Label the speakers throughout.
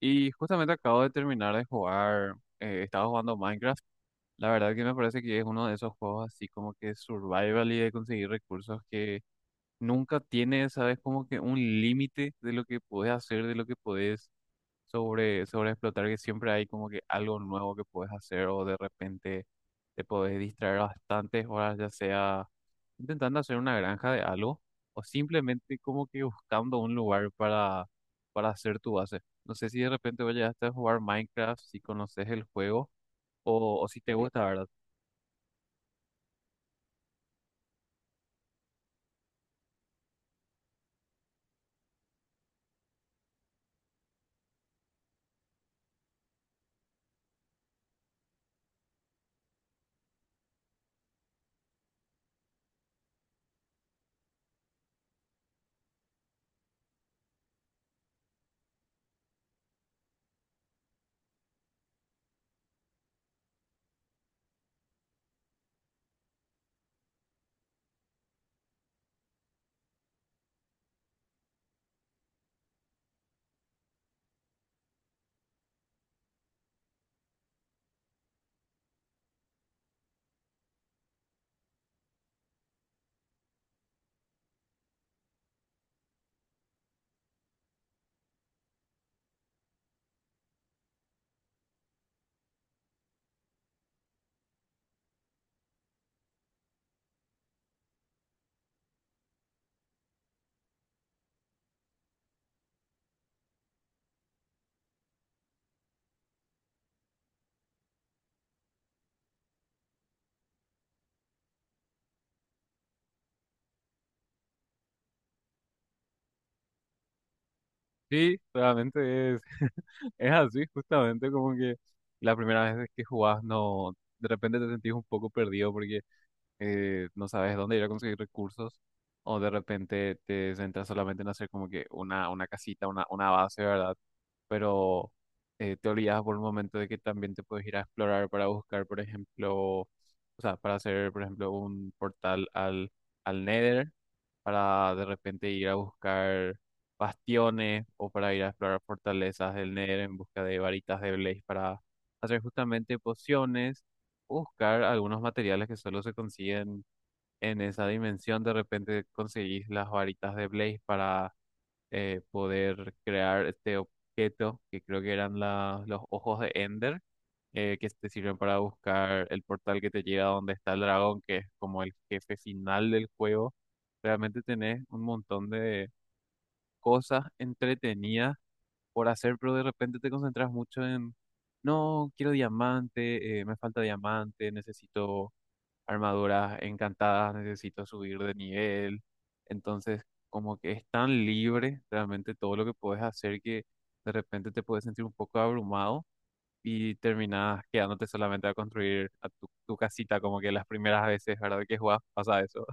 Speaker 1: Y justamente acabo de terminar de jugar, estaba jugando Minecraft. La verdad que me parece que es uno de esos juegos así como que survival y de conseguir recursos que nunca tiene, sabes, como que un límite de lo que puedes hacer, de lo que puedes sobre explotar, que siempre hay como que algo nuevo que puedes hacer o de repente te podés distraer bastantes horas, ya sea intentando hacer una granja de algo o simplemente como que buscando un lugar para hacer tu base. No sé si de repente vayas a jugar Minecraft, si conoces el juego o si te gusta, ¿verdad? Sí, realmente es, es así, justamente como que la primera vez que jugás, no, de repente te sentís un poco perdido porque no sabes dónde ir a conseguir recursos, o de repente te centras solamente en hacer como que una casita, una base, ¿verdad? Pero te olvidas por un momento de que también te puedes ir a explorar para buscar, por ejemplo, o sea, para hacer, por ejemplo, un portal al Nether, para de repente ir a buscar bastiones o para ir a explorar fortalezas del Nether en busca de varitas de Blaze para hacer justamente pociones, buscar algunos materiales que solo se consiguen en esa dimensión. De repente conseguís las varitas de Blaze para poder crear este objeto, que creo que eran los ojos de Ender, que te sirven para buscar el portal que te lleva a donde está el dragón, que es como el jefe final del juego. Realmente tenés un montón de cosas entretenidas por hacer, pero de repente te concentras mucho en... No, quiero diamante, me falta diamante, necesito armaduras encantadas, necesito subir de nivel. Entonces, como que es tan libre realmente todo lo que puedes hacer, que de repente te puedes sentir un poco abrumado y terminas quedándote solamente a construir a tu casita, como que las primeras veces, ¿verdad? Que jugás pasa eso.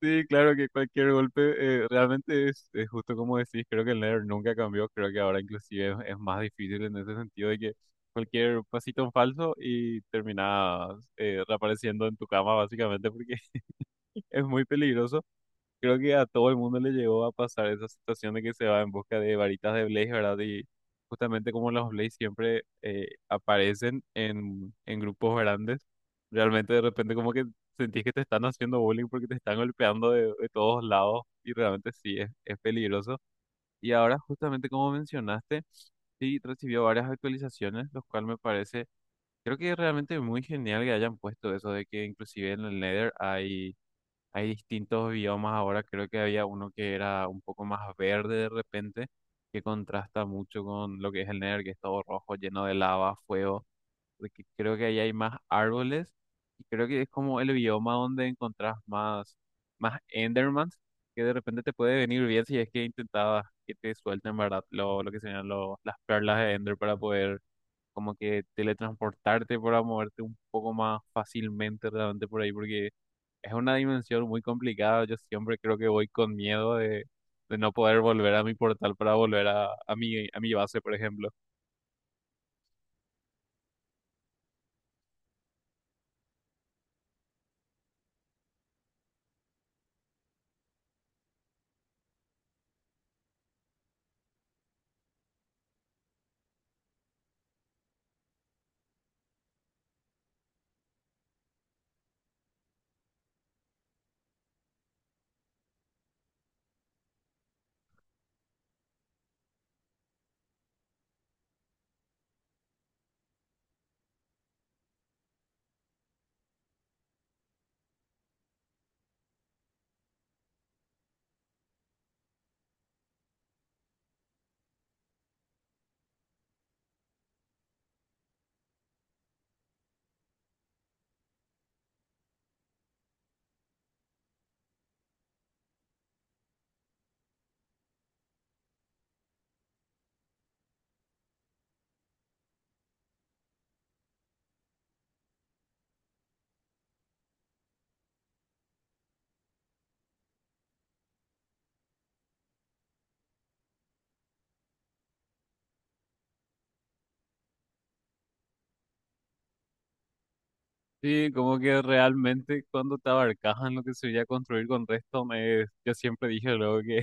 Speaker 1: Sí, claro que cualquier golpe, realmente es justo como decís. Creo que el Nether nunca cambió, creo que ahora inclusive es más difícil en ese sentido, de que cualquier pasito en falso y terminas reapareciendo en tu cama, básicamente porque es muy peligroso. Creo que a todo el mundo le llegó a pasar esa situación de que se va en busca de varitas de Blaze, ¿verdad? Y justamente como los Blaze siempre aparecen en grupos grandes, realmente de repente como que sentís que te están haciendo bullying porque te están golpeando de todos lados, y realmente sí, es peligroso. Y ahora, justamente como mencionaste, sí, recibió varias actualizaciones, lo cual me parece, creo que es realmente muy genial que hayan puesto eso de que inclusive en el Nether hay... Hay distintos biomas ahora. Creo que había uno que era un poco más verde de repente, que contrasta mucho con lo que es el Nether, que es todo rojo, lleno de lava, fuego, porque creo que ahí hay más árboles, y creo que es como el bioma donde encontrás más, más Endermans, que de repente te puede venir bien si es que intentabas que te suelten, ¿verdad? Lo que serían las perlas de Ender, para poder como que teletransportarte, para moverte un poco más fácilmente realmente por ahí, porque es una dimensión muy complicada. Yo siempre creo que voy con miedo de no poder volver a mi portal para volver a mi base, por ejemplo. Sí, como que realmente cuando te abarcas en lo que sería construir con Redstone, me yo siempre dije luego que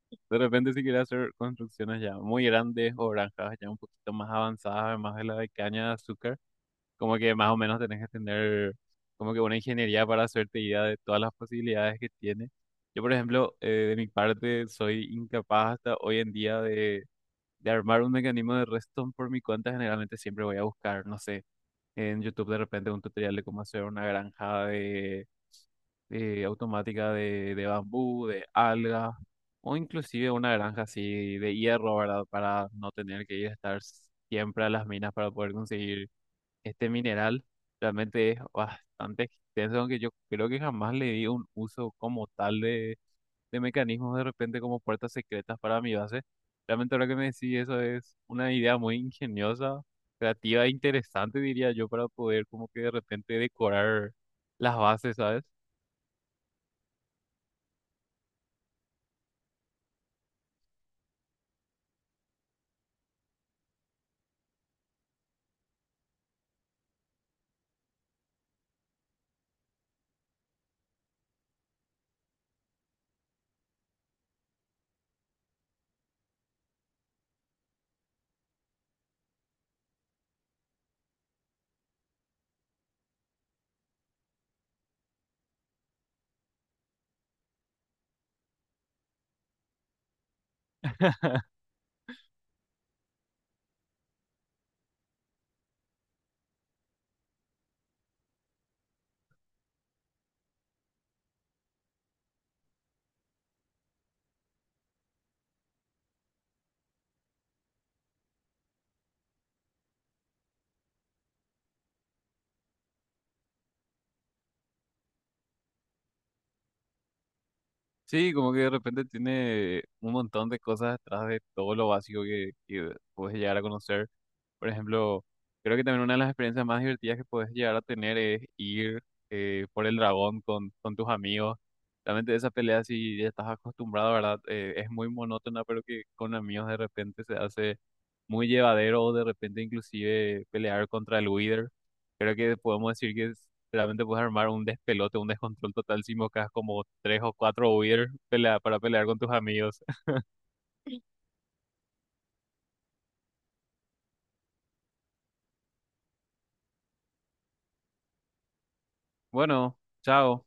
Speaker 1: de repente si quería hacer construcciones ya muy grandes o granjas ya un poquito más avanzadas, además de la de caña de azúcar, como que más o menos tenés que tener como que una ingeniería para hacerte idea de todas las posibilidades que tiene. Yo, por ejemplo, de mi parte, soy incapaz hasta hoy en día de armar un mecanismo de redstone por mi cuenta. Generalmente siempre voy a buscar, no sé, en YouTube de repente un tutorial de cómo hacer una granja de automática de bambú, de algas, o inclusive una granja así de hierro, ¿verdad? Para no tener que ir a estar siempre a las minas para poder conseguir este mineral. Realmente es bastante extenso, aunque yo creo que jamás le di un uso como tal de mecanismos de repente como puertas secretas para mi base. Realmente ahora que me decís eso, es una idea muy ingeniosa, creativa e interesante, diría yo, para poder como que de repente decorar las bases, ¿sabes? Sí, como que de repente tiene un montón de cosas detrás de todo lo básico que puedes llegar a conocer. Por ejemplo, creo que también una de las experiencias más divertidas que puedes llegar a tener es ir por el dragón con tus amigos. Realmente esa pelea, si ya estás acostumbrado, ¿verdad? Es muy monótona, pero que con amigos de repente se hace muy llevadero, o de repente inclusive pelear contra el Wither. Creo que podemos decir que es- realmente puedes armar un despelote, un descontrol total si invocas como tres o cuatro Wither pelea, para pelear con tus amigos. Bueno, chao.